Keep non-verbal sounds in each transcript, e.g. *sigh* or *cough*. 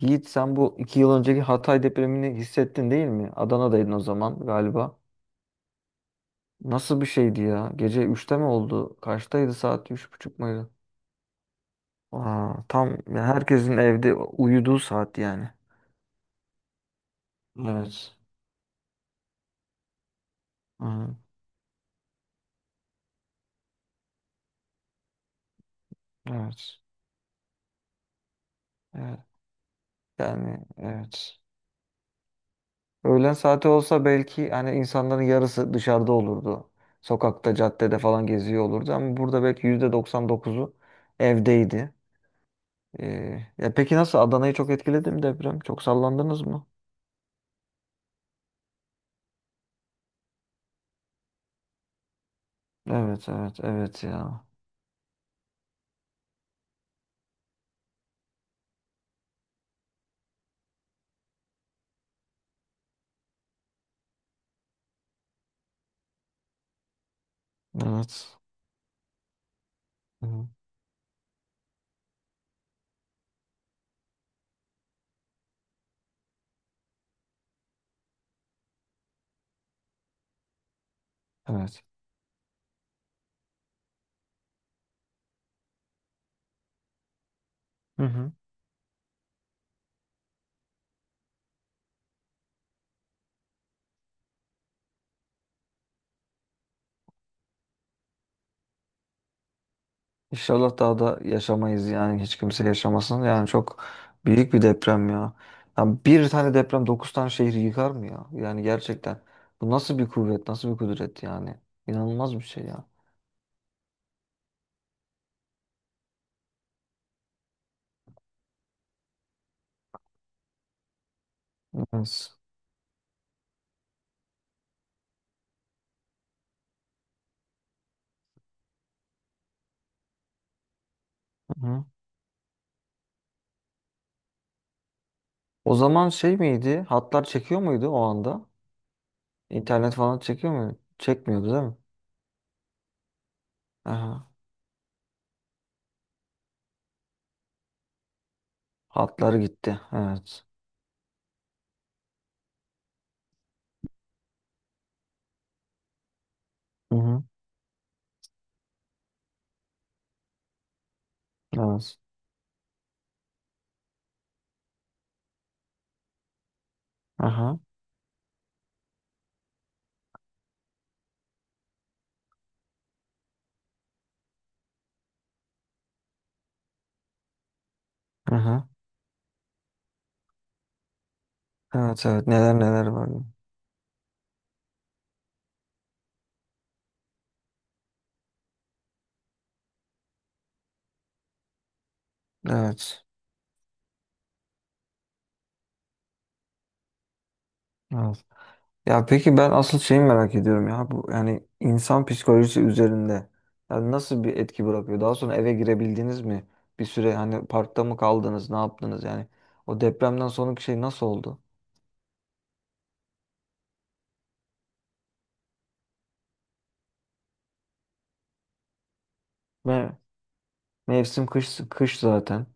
Yiğit sen bu iki yıl önceki Hatay depremini hissettin değil mi? Adana'daydın o zaman galiba. Nasıl bir şeydi ya? Gece üçte mi oldu? Kaçtaydı saat? Üç buçuk muydu? Aa, tam ya herkesin evde uyuduğu saat yani. Evet. Hı, evet. Evet. Yani evet. Öğlen saati olsa belki hani insanların yarısı dışarıda olurdu. Sokakta, caddede falan geziyor olurdu ama burada belki %99'u evdeydi. Ya peki nasıl Adana'yı çok etkiledi mi deprem? Çok sallandınız mı? Evet, evet, evet ya. Evet. Hı hı. Evet. Hı hı. İnşallah daha da yaşamayız yani hiç kimse yaşamasın. Yani çok büyük bir deprem ya. Ya bir tane deprem 9 tane şehri yıkar mı ya? Yani gerçekten. Bu nasıl bir kuvvet, nasıl bir kudret yani? İnanılmaz bir şey ya. Evet. Hı hı. O zaman şey miydi? Hatlar çekiyor muydu o anda? İnternet falan çekiyor muydu? Çekmiyordu değil mi? Aha. Hatları gitti. Evet. Hı hı. Evet. Aha. Aha. Evet evet. Neler neler var ya. Evet. Evet. Ya peki ben asıl şeyi merak ediyorum ya. Bu yani insan psikolojisi üzerinde yani nasıl bir etki bırakıyor? Daha sonra eve girebildiniz mi? Bir süre hani parkta mı kaldınız? Ne yaptınız yani? O depremden sonraki şey nasıl oldu? Ve mevsim kış kış zaten.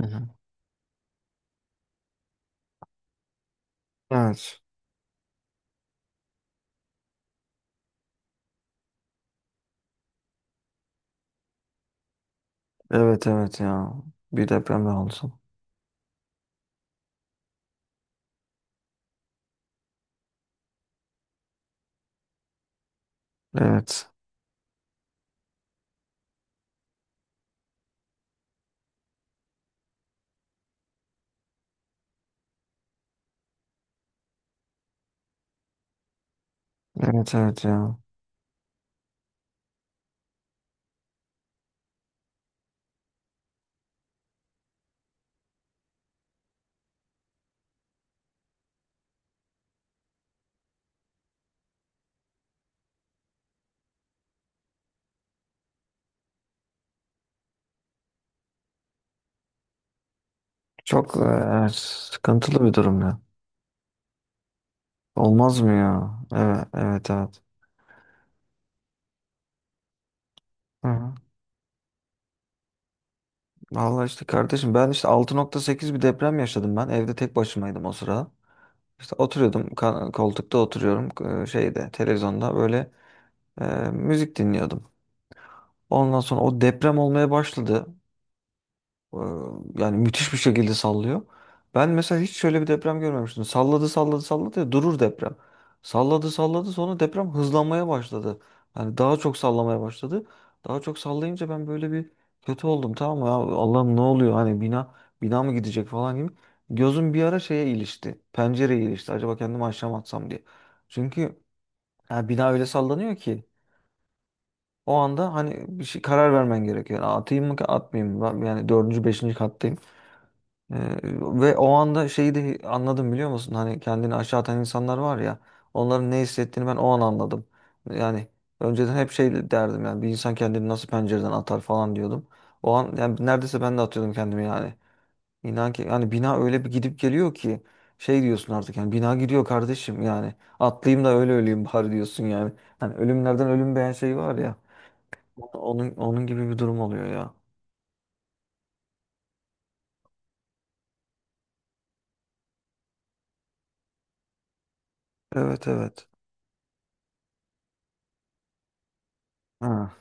Hı hı. Evet. Evet evet ya. Bir deprem daha olsun. Evet. Evet evet ya. Çok, evet, sıkıntılı bir durum ya. Olmaz mı ya? Evet, evet, evet. Hı hı. Vallahi işte kardeşim ben işte 6.8 bir deprem yaşadım ben. Evde tek başımaydım o sırada. İşte oturuyordum koltukta oturuyorum, e, şeyde televizyonda böyle e, müzik dinliyordum. Ondan sonra o deprem olmaya başladı. Ee, Yani müthiş bir şekilde sallıyor. Ben mesela hiç şöyle bir deprem görmemiştim. Salladı salladı salladı ya durur deprem. Salladı salladı sonra deprem hızlanmaya başladı. Yani daha çok sallamaya başladı. Daha çok sallayınca ben böyle bir kötü oldum, tamam mı? Ya Allah'ım ne oluyor, hani bina bina mı gidecek falan gibi. Gözüm bir ara şeye ilişti. Pencereye ilişti. Acaba kendimi aşağı mı atsam diye. Çünkü ya bina öyle sallanıyor ki o anda hani bir şey karar vermen gerekiyor. Yani atayım mı atmayayım mı? Yani dördüncü, beşinci kattayım. Ee, Ve o anda şeyi de anladım biliyor musun? Hani kendini aşağı atan insanlar var ya, onların ne hissettiğini ben o an anladım. Yani önceden hep şey derdim, yani bir insan kendini nasıl pencereden atar falan diyordum. O an yani neredeyse ben de atıyordum kendimi yani. İnan ki yani bina öyle bir gidip geliyor ki şey diyorsun artık, yani bina gidiyor kardeşim yani, atlayayım da öyle öleyim bari diyorsun yani. Hani ölümlerden ölüm beğen şey var ya, onun onun gibi bir durum oluyor ya. Evet evet. Ha.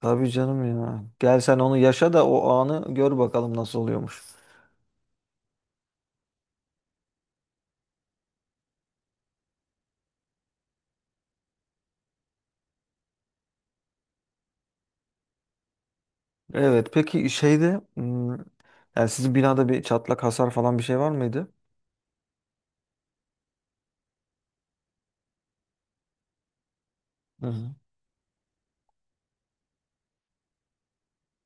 Tabii canım ya. Gel sen onu yaşa da o anı gör bakalım nasıl oluyormuş. Evet peki yani sizin binada bir çatlak hasar falan bir şey var mıydı? Hı hı.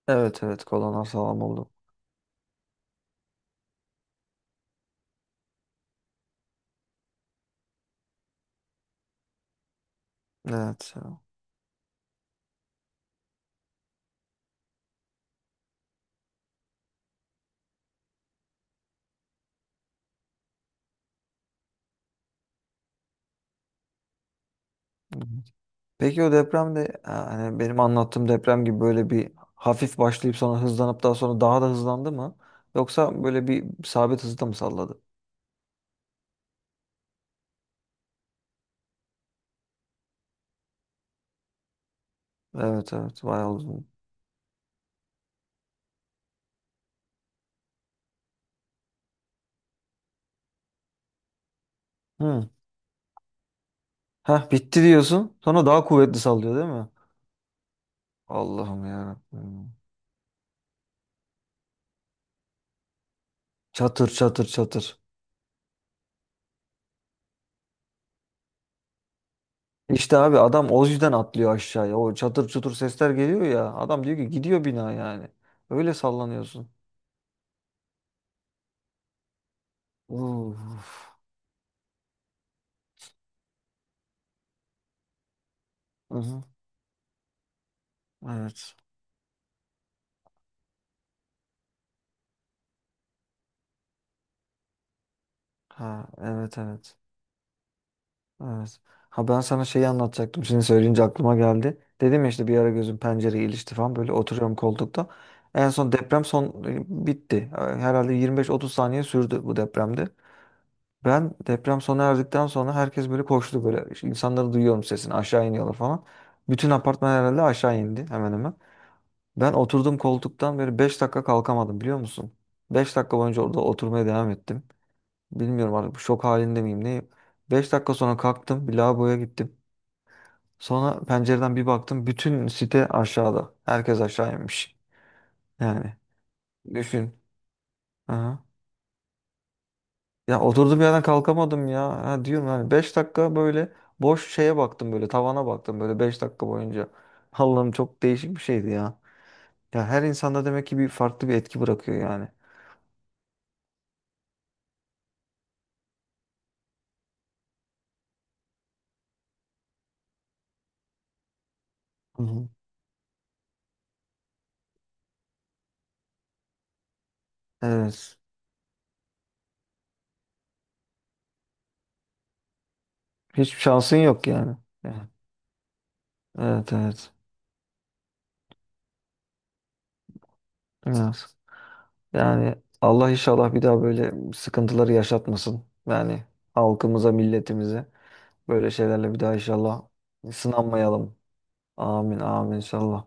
Evet evet, kolonlar sağlam oldu. Evet ya. Hı hı. Peki o depremde yani benim anlattığım deprem gibi böyle bir hafif başlayıp sonra hızlanıp daha sonra daha da hızlandı mı? Yoksa böyle bir sabit hızda mı salladı? Evet evet, bayağı uzun. Hı. Heh bitti diyorsun sonra daha kuvvetli sallıyor değil mi? Allah'ım ya. Çatır çatır çatır. İşte abi adam o yüzden atlıyor aşağıya. O çatır çutur sesler geliyor ya. Adam diyor ki gidiyor bina yani. Öyle sallanıyorsun. Uf. Hı-hı. Evet. Ha, evet evet. Evet. Ha ben sana şeyi anlatacaktım. Şimdi söyleyince aklıma geldi. Dedim ya işte bir ara gözüm pencereye ilişti falan. Böyle oturuyorum koltukta. En son deprem son bitti. Herhalde 25-30 saniye sürdü bu depremde. Ben deprem sona erdikten sonra herkes böyle koştu böyle. İşte İnsanları duyuyorum sesini, aşağı iniyorlar falan. Bütün apartman herhalde aşağı indi hemen hemen. Ben oturduğum koltuktan böyle 5 dakika kalkamadım biliyor musun? 5 dakika boyunca orada oturmaya devam ettim. Bilmiyorum artık şok halinde miyim neyim. 5 dakika sonra kalktım bir lavaboya gittim. Sonra pencereden bir baktım, bütün site aşağıda. Herkes aşağı inmiş. Yani düşün. Ya oturdum yerden kalkamadım ya. Ha diyorum yani 5 dakika böyle boş şeye baktım, böyle tavana baktım böyle 5 dakika boyunca. *laughs* Allah'ım çok değişik bir şeydi ya. Ya her insanda demek ki bir farklı bir etki bırakıyor yani. Hı hı. Evet. Hiçbir şansın yok yani. Yani, evet evet. Evet. Yani Allah inşallah bir daha böyle sıkıntıları yaşatmasın. Yani halkımıza, milletimize böyle şeylerle bir daha inşallah sınanmayalım. Amin amin inşallah.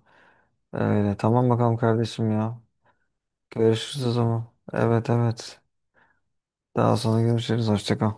Öyle tamam bakalım kardeşim ya. Görüşürüz o zaman. Evet evet. Daha sonra görüşürüz. Hoşça kal.